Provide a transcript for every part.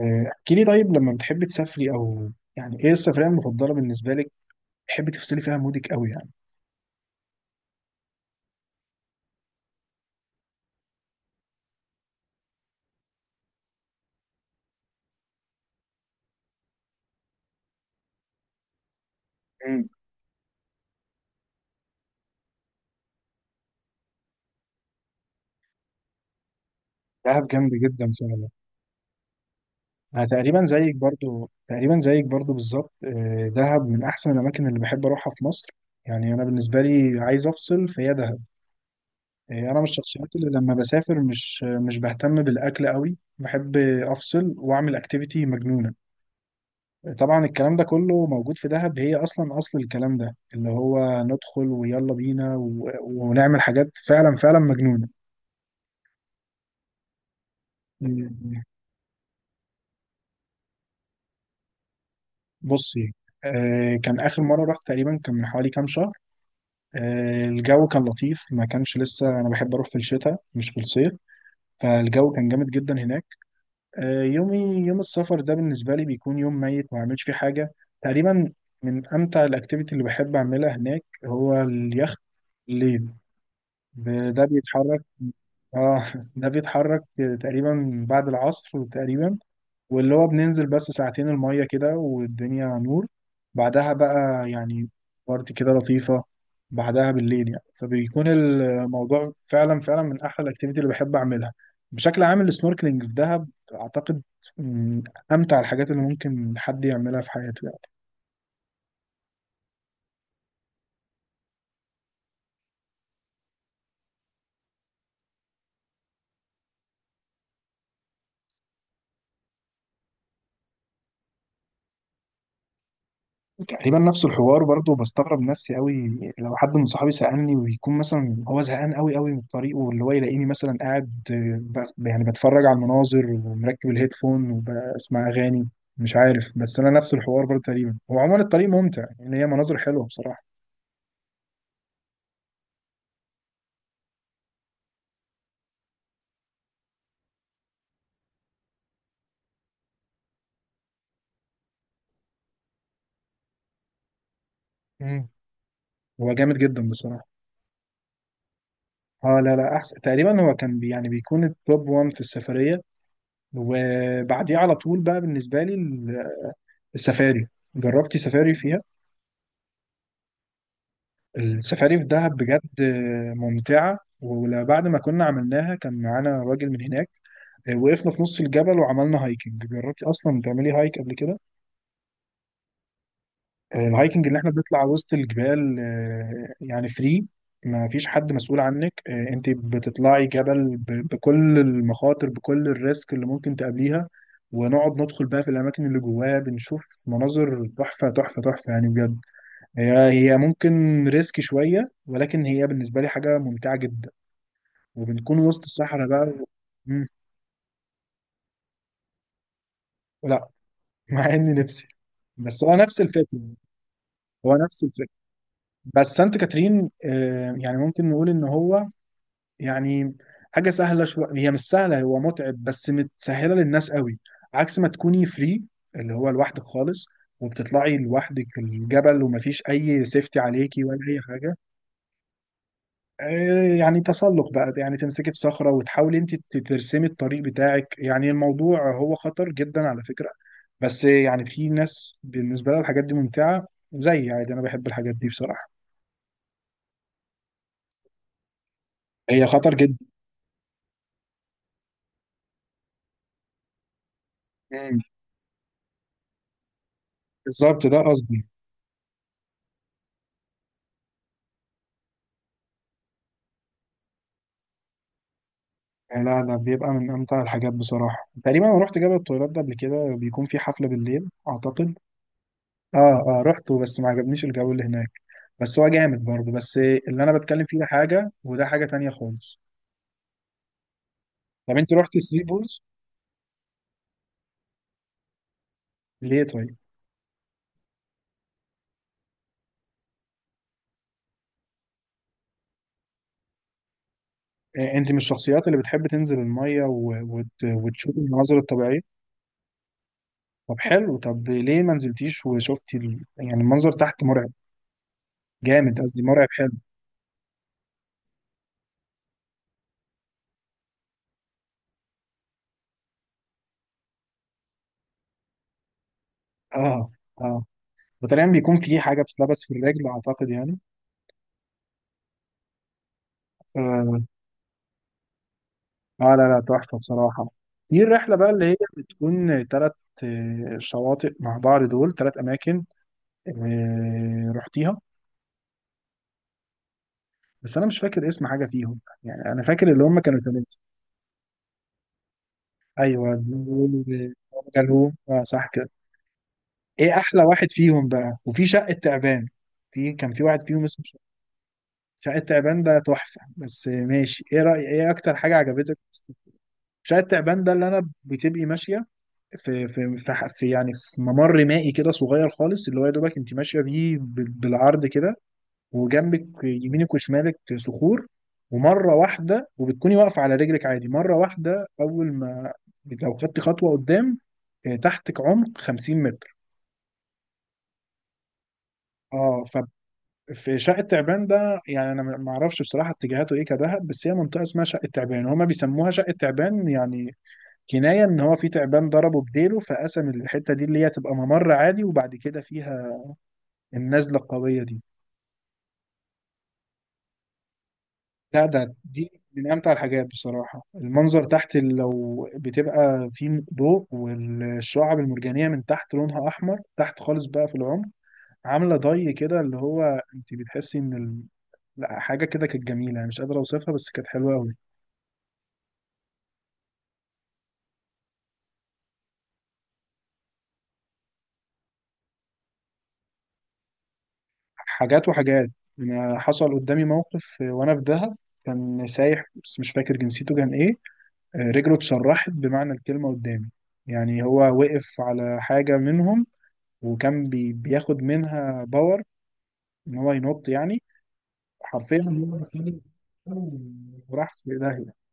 احكي لي، طيب لما بتحبي تسافري او يعني ايه السفرية المفضلة بالنسبة لك؟ بتحبي تفصلي فيها مودك قوي يعني. امم. دهب جامد جدا فعلا. انا تقريبا زيك برضو تقريبا زيك برضو بالظبط. دهب من احسن الاماكن اللي بحب اروحها في مصر. يعني انا بالنسبة لي عايز افصل فهي دهب. انا من الشخصيات اللي لما بسافر مش بهتم بالاكل قوي، بحب افصل واعمل اكتيفيتي مجنونة. طبعا الكلام ده كله موجود في دهب، هي اصلا اصل الكلام ده اللي هو ندخل ويلا بينا ونعمل حاجات فعلا فعلا مجنونة. مم. بصي. كان اخر مرة رحت تقريبا، كان من حوالي كام شهر. الجو كان لطيف، ما كانش لسه. انا بحب اروح في الشتاء مش في الصيف. فالجو كان جامد جدا هناك. آه يومي يوم السفر ده بالنسبة لي بيكون يوم ميت، ما اعملش فيه حاجة تقريبا. من امتع الاكتيفيتي اللي بحب اعملها هناك هو اليخت الليل. ده بيتحرك. اه ده بيتحرك تقريبا بعد العصر تقريبا، واللي هو بننزل بس ساعتين المية كده والدنيا نور. بعدها بقى يعني بارتي كده لطيفة بعدها بالليل، يعني فبيكون الموضوع فعلا فعلا من أحلى الأكتيفيتي اللي بحب أعملها. بشكل عام السنوركلينج في دهب أعتقد من أمتع الحاجات اللي ممكن حد يعملها في حياته يعني. تقريبا نفس الحوار برضه، بستغرب نفسي قوي. لو حد من صحابي سألني، ويكون مثلا هو زهقان قوي قوي من الطريق، واللي هو يلاقيني مثلا قاعد يعني بتفرج على المناظر ومركب الهيدفون وبسمع أغاني. مش عارف. بس أنا نفس الحوار برضه تقريبا. هو عموما الطريق ممتع يعني، هي مناظر حلوة بصراحة. مم. هو جامد جدا بصراحة. اه، لا لا، احسن تقريبا. هو كان يعني بيكون التوب 1 في السفرية، وبعديه على طول بقى بالنسبة لي السفاري. جربتي سفاري فيها؟ السفاري في دهب بجد ممتعة. وبعد ما كنا عملناها كان معانا راجل من هناك. وقفنا في نص الجبل وعملنا هايكنج. جربتي اصلا تعملي هايك قبل كده؟ الهايكنج اللي احنا بنطلع وسط الجبال يعني فري. ما فيش حد مسؤول عنك. انت بتطلعي جبل بكل المخاطر، بكل الريسك اللي ممكن تقابليها، ونقعد ندخل بقى في الاماكن اللي جواها، بنشوف مناظر تحفة تحفة تحفة يعني بجد. هي هي ممكن ريسك شوية، ولكن هي بالنسبة لي حاجة ممتعة جدا. وبنكون وسط الصحراء بقى مم. لا، مع إني نفسي. بس هو نفس الفكرة. هو نفس الفكرة. بس سانت كاترين يعني ممكن نقول إن هو يعني حاجة سهلة شوية. هي مش سهلة، هو متعب بس متسهلة للناس قوي. عكس ما تكوني فري، اللي هو لوحدك خالص، وبتطلعي لوحدك الجبل ومفيش أي سيفتي عليكي ولا أي حاجة. يعني تسلق بقى، يعني تمسكي في صخرة وتحاولي انت ترسمي الطريق بتاعك. يعني الموضوع هو خطر جدا على فكرة، بس يعني في ناس بالنسبة لها الحاجات دي ممتعة. زي عادي انا بحب الحاجات دي بصراحة. هي خطر جدا. مم. بالظبط ده قصدي. آه، لا لا، بيبقى من امتع الحاجات بصراحة. تقريبا انا رحت جبل الطويلات ده قبل كده، بيكون في حفلة بالليل اعتقد. اه، اه، رحته بس ما عجبنيش الجو اللي هناك. بس هو جامد برضه. بس اللي انا بتكلم فيه ده حاجة وده حاجة تانية خالص. طب انت رحت ثري بولز؟ ليه طيب؟ انت من الشخصيات اللي بتحب تنزل المية وتشوف المناظر الطبيعية؟ طب حلو. طب ليه ما نزلتيش وشفتي يعني المنظر تحت مرعب. جامد قصدي، مرعب حلو. اه، اه، وتقريبا بيكون في حاجة بتتلبس في الرجل اعتقد يعني. اه، آه، لا لا، تحفة بصراحة. دي الرحلة بقى اللي هي بتكون تلات شواطئ مع بعض. دول 3 أماكن. رحتيها؟ بس أنا مش فاكر اسم حاجة فيهم يعني، أنا فاكر اللي هم كانوا تلاتة. ايوه، النور. جالهم، اه صح كده. ايه احلى واحد فيهم بقى؟ وفي شقة تعبان. كان في واحد فيهم اسمه شقة. شقة تعبان ده تحفة. بس ماشي. ايه اكتر حاجة عجبتك في شقة تعبان ده اللي انا بتبقي ماشية؟ في يعني في ممر مائي كده صغير خالص، اللي هو يا دوبك انت ماشية بيه بالعرض كده، وجنبك يمينك وشمالك صخور. ومرة واحدة وبتكوني واقفة على رجلك عادي، مرة واحدة أول ما لو خدتي خطوة قدام، تحتك عمق 50 متر. اه، ففي شقة تعبان ده يعني انا ما اعرفش بصراحة اتجاهاته ايه كدهب، بس هي منطقة اسمها شقة تعبان، هما بيسموها شقة تعبان يعني كناية ان هو في تعبان ضربه بديله، فقسم الحتة دي اللي هي تبقى ممر عادي، وبعد كده فيها النزلة القوية دي. لا، دي من امتع الحاجات بصراحه. المنظر تحت لو بتبقى فيه ضوء والشعب المرجانيه من تحت لونها احمر تحت خالص بقى في العمق، عامله ضي كده اللي هو انت بتحسي ان لا، حاجه كده كانت جميله. أنا مش قادر اوصفها بس كانت حلوه قوي. حاجات وحاجات. أنا حصل قدامي موقف وانا في دهب، كان سايح بس مش فاكر جنسيته كان ايه. رجله اتشرحت بمعنى الكلمه قدامي. يعني هو وقف على حاجه منهم، وكان بياخد منها باور ان هو ينط يعني، حرفيا. هو فين- وراح في داهية.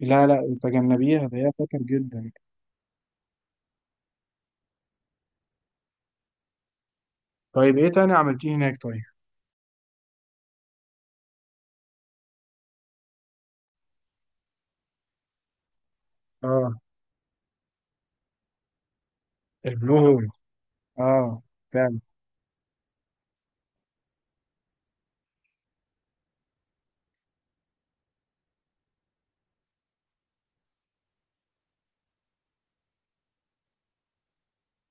لا لا، تجنبيها ده، هي خطر جدا. طيب ايه تاني عملتيه هناك طيب؟ اه، البلو هول. اه فعلا.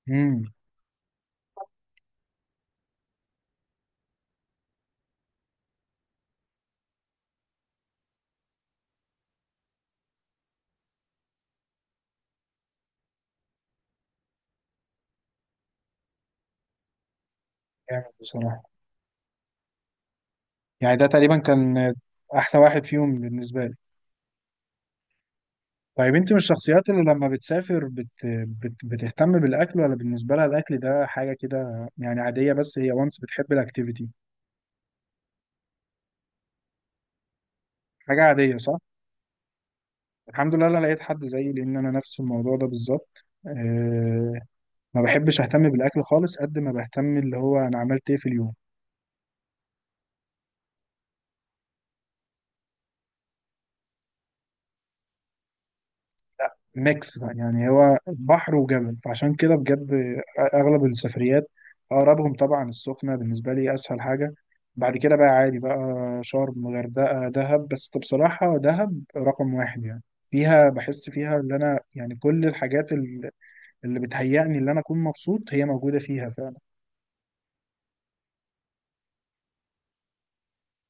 امم. جامد بصراحة. يعني ده تقريبا كان احلى واحد فيهم بالنسبة لي. طيب، انت من الشخصيات اللي لما بتسافر بتهتم بالاكل، ولا بالنسبة لها الاكل ده حاجة كده يعني عادية، بس هي وانس بتحب الاكتيفيتي؟ حاجة عادية صح. الحمد لله انا لقيت حد زيي لان انا نفس الموضوع ده بالظبط، أه. ما بحبش اهتم بالاكل خالص قد ما بهتم اللي هو انا عملت ايه في اليوم. ميكس بقى، يعني هو بحر وجبل، فعشان كده بجد اغلب السفريات اقربهم طبعا السخنه، بالنسبه لي اسهل حاجه. بعد كده بقى عادي بقى، شرم، غردقه، دهب، بس بصراحه دهب رقم واحد يعني. فيها بحس فيها ان انا يعني كل الحاجات اللي بتهيأني ان انا اكون مبسوط هي موجوده فيها.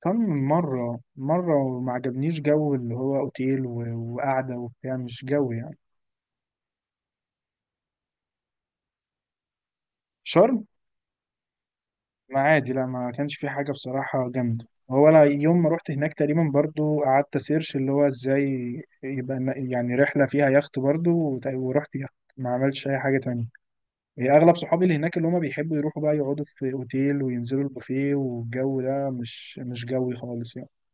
كم مرة؟ مرة. وما عجبنيش جو اللي هو اوتيل وقعدة وبتاع، مش جو يعني. في شرم، ما عادي، لا ما كانش في حاجة بصراحة جامدة. هو انا يوم ما رحت هناك تقريبا برضو قعدت سيرش اللي هو ازاي يبقى يعني رحلة فيها يخت برضو. ورحت يخت، ما عملتش اي حاجة تانية. هي اغلب صحابي اللي هناك اللي هما بيحبوا يروحوا بقى يقعدوا في اوتيل وينزلوا البوفيه، والجو ده مش جوي خالص يعني.